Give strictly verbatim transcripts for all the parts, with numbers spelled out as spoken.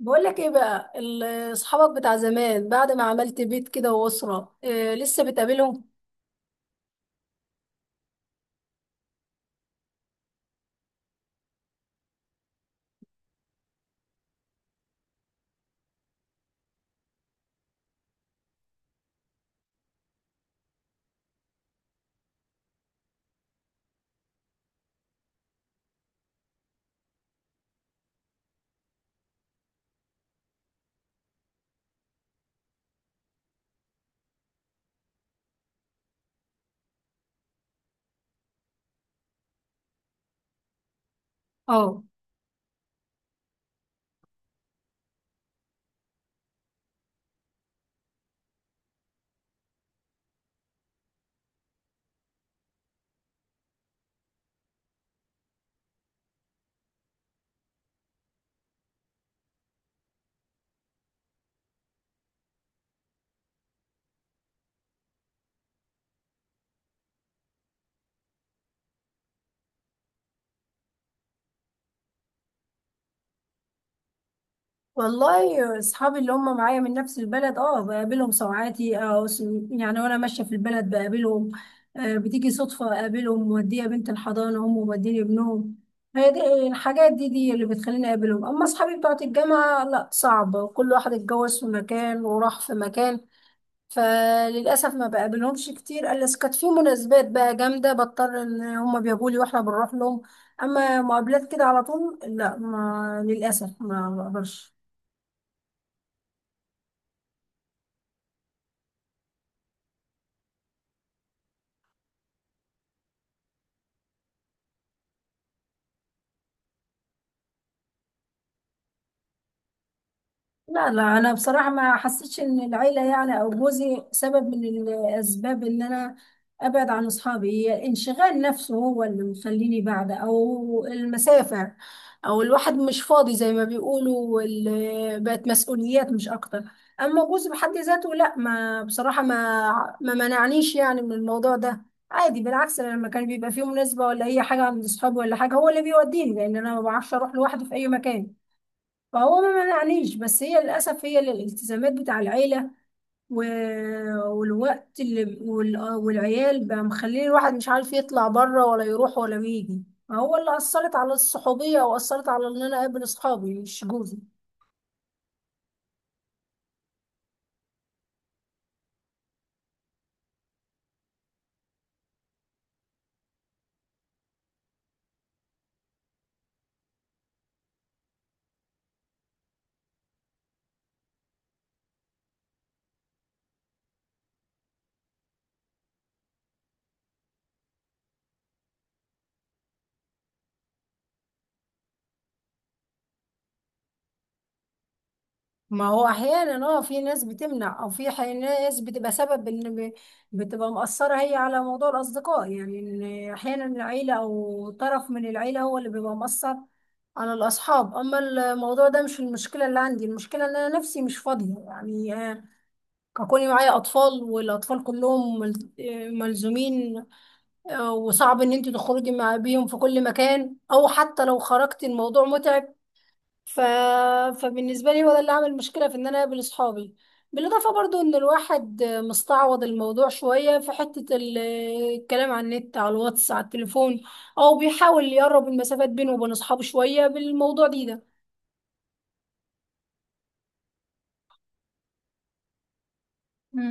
بقول لك ايه بقى ال- اصحابك بتاع زمان بعد ما عملت بيت كده واسره، إيه لسه بتقابلهم؟ اه والله اصحابي اللي هم معايا من نفس البلد اه بقابلهم ساعاتي او س- يعني وانا ماشيه في البلد بقابلهم. آه بتيجي صدفه اقابلهم موديه بنت الحضانه هم موديني ابنهم. هي دي الحاجات دي دي اللي بتخليني اقابلهم. اما اصحابي بتوع الجامعه لا صعب، كل واحد اتجوز في مكان وراح في مكان، فللاسف ما بقابلهمش كتير الا إذا كانت في مناسبات بقى جامده بضطر ان هم بيجوا لي واحنا بنروح لهم. اما مقابلات كده على طول لا، ما للاسف ما بقدرش. لا لا انا بصراحه ما حسيتش ان العيله يعني او جوزي سبب من الاسباب ان انا ابعد عن اصحابي، هي الانشغال نفسه هو اللي مخليني بعد او المسافه، او الواحد مش فاضي زي ما بيقولوا، ال- بقت مسؤوليات مش اكتر. اما جوزي بحد ذاته لا، ما بصراحه ما ما منعنيش يعني من الموضوع ده. عادي، بالعكس أنا لما كان بيبقى فيه مناسبه ولا هي حاجه عند اصحابي ولا حاجه هو اللي بيوديني لان انا ما بعرفش اروح لوحدي في اي مكان. فهو ما منعنيش، بس هي للأسف هي الالتزامات بتاع العيلة و... والوقت اللي وال... والعيال بقى مخليه الواحد مش عارف يطلع بره ولا يروح ولا يجي، هو اللي أثرت على الصحوبية وأثرت على إن أنا أقابل أصحابي، مش جوزي. ما هو احيانا اه في ناس بتمنع او في حي- ناس بتبقى سبب ان ب-، بتبقى مأثرة هي على موضوع الاصدقاء، يعني ان احيانا العيلة او طرف من العيلة هو اللي بيبقى مأثر على الاصحاب. اما الموضوع ده مش المشكلة اللي عندي، المشكلة ان انا نفسي مش فاضية يعني، آه، كوني معايا اطفال والاطفال كلهم مل- آه، ملزومين، آه، وصعب ان انت تخرجي مع بيهم في كل مكان او حتى لو خرجت الموضوع متعب. ف... فبالنسبة لي هو ده اللي عمل مشكلة في ان انا اقابل اصحابي. بالاضافة برضو ان الواحد مستعوض الموضوع شوية في حتة ال- الكلام على النت على الواتس على التليفون، او بيحاول يقرب المسافات بينه وبين اصحابه شوية بالموضوع دي ده.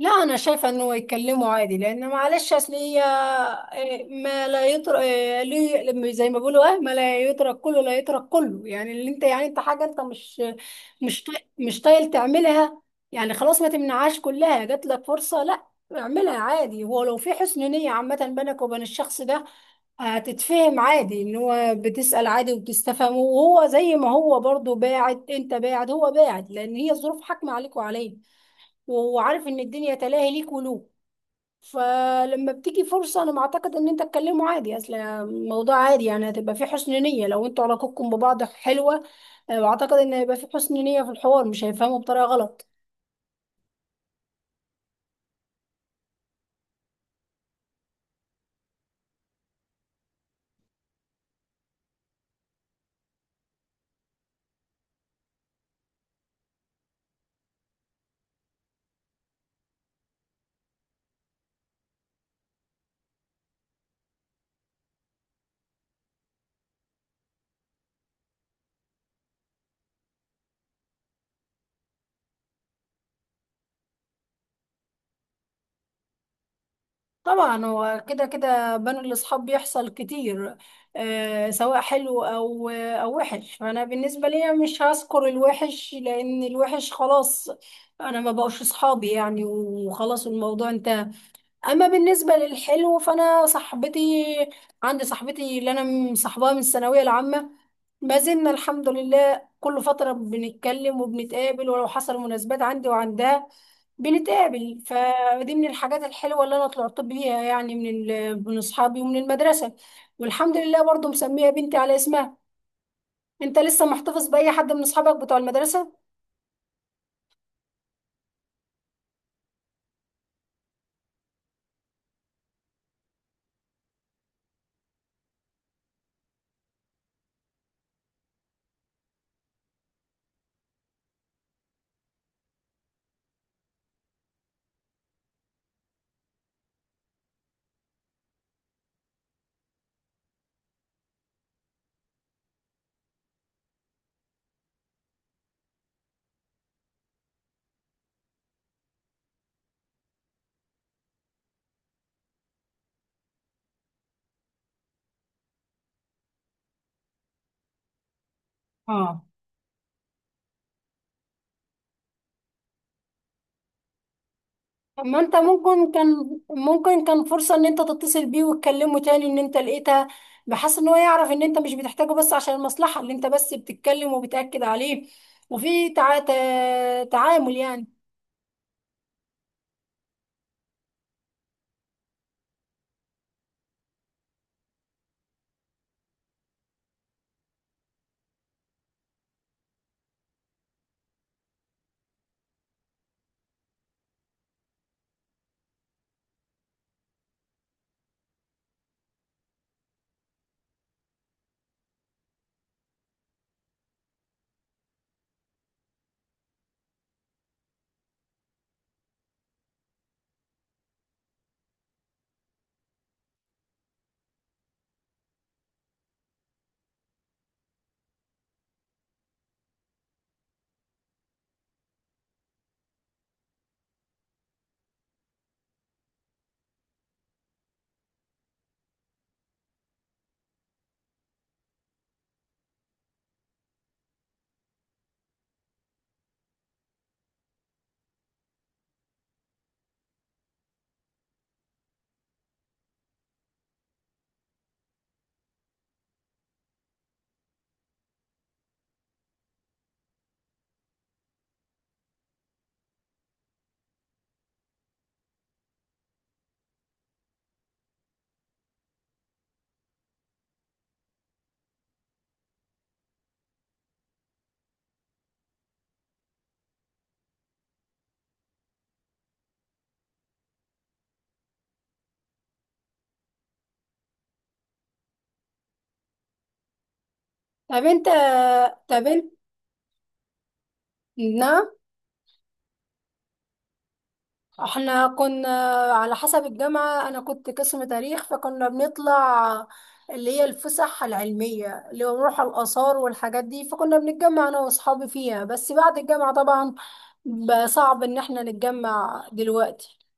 لا انا شايفه انه يتكلموا عادي، لان معلش اصل هي إيه، ما لا يترك ليه، زي ما بيقولوا اه ما لا يترك كله لا يترك كله، يعني اللي انت يعني انت حاجه انت مش، مش طاي- مش طايل تعملها، يعني خلاص ما تمنعهاش كلها، جات لك فرصه لا، اعملها عادي. هو لو في حسن نيه عامه بينك وبين الشخص ده هتتفهم عادي ان هو بتسال عادي وبتستفهمه، وهو زي ما هو برضو باعد انت باعد هو باعد لان هي الظروف حاكمه عليك وعليه، وعارف ان الدنيا تلاهي ليك ولوك. فلما بتيجي فرصة انا معتقد ان انت تكلمه عادي، اصل الموضوع عادي يعني هتبقى فيه حسن نية لو انتوا علاقتكم ببعض حلوة. أنا بعتقد ان هيبقى فيه حسن نية في الحوار، مش هيفهموا بطريقة غلط. طبعا هو كده كده بين الاصحاب بيحصل كتير، آه سواء حلو او او وحش، فانا بالنسبة لي مش هذكر الوحش لان الوحش خلاص انا ما بقوش اصحابي يعني وخلاص الموضوع انتهى. اما بالنسبه للحلو فانا صاحبتي، عندي صاحبتي اللي انا مصاحباها من الثانويه العامه، ما زلنا الحمد لله كل فتره بنتكلم وبنتقابل ولو حصل مناسبات عندي وعندها بنتقابل. فدي من الحاجات الحلوه اللي انا طلعت بيها يعني من ال- من اصحابي ومن المدرسه، والحمد لله برضو مسميه بنتي على اسمها. انت لسه محتفظ باي حد من اصحابك بتوع المدرسه؟ طب ما انت ممكن كان ممكن كان فرصة ان انت تتصل بيه وتكلمه تاني ان انت لقيتها، بحيث ان هو يعرف ان انت مش بتحتاجه بس عشان المصلحة، اللي انت بس بتتكلم وبتأكد عليه وفي تع... تع... تعامل يعني. طب انت طب انت نعم، احنا كنا على حسب الجامعة، انا كنت قسم تاريخ فكنا بنطلع اللي هي الفسح العلمية اللي هو بنروح على الآثار والحاجات دي، فكنا بنتجمع انا واصحابي فيها. بس بعد الجامعة طبعا بقى صعب ان احنا نتجمع دلوقتي.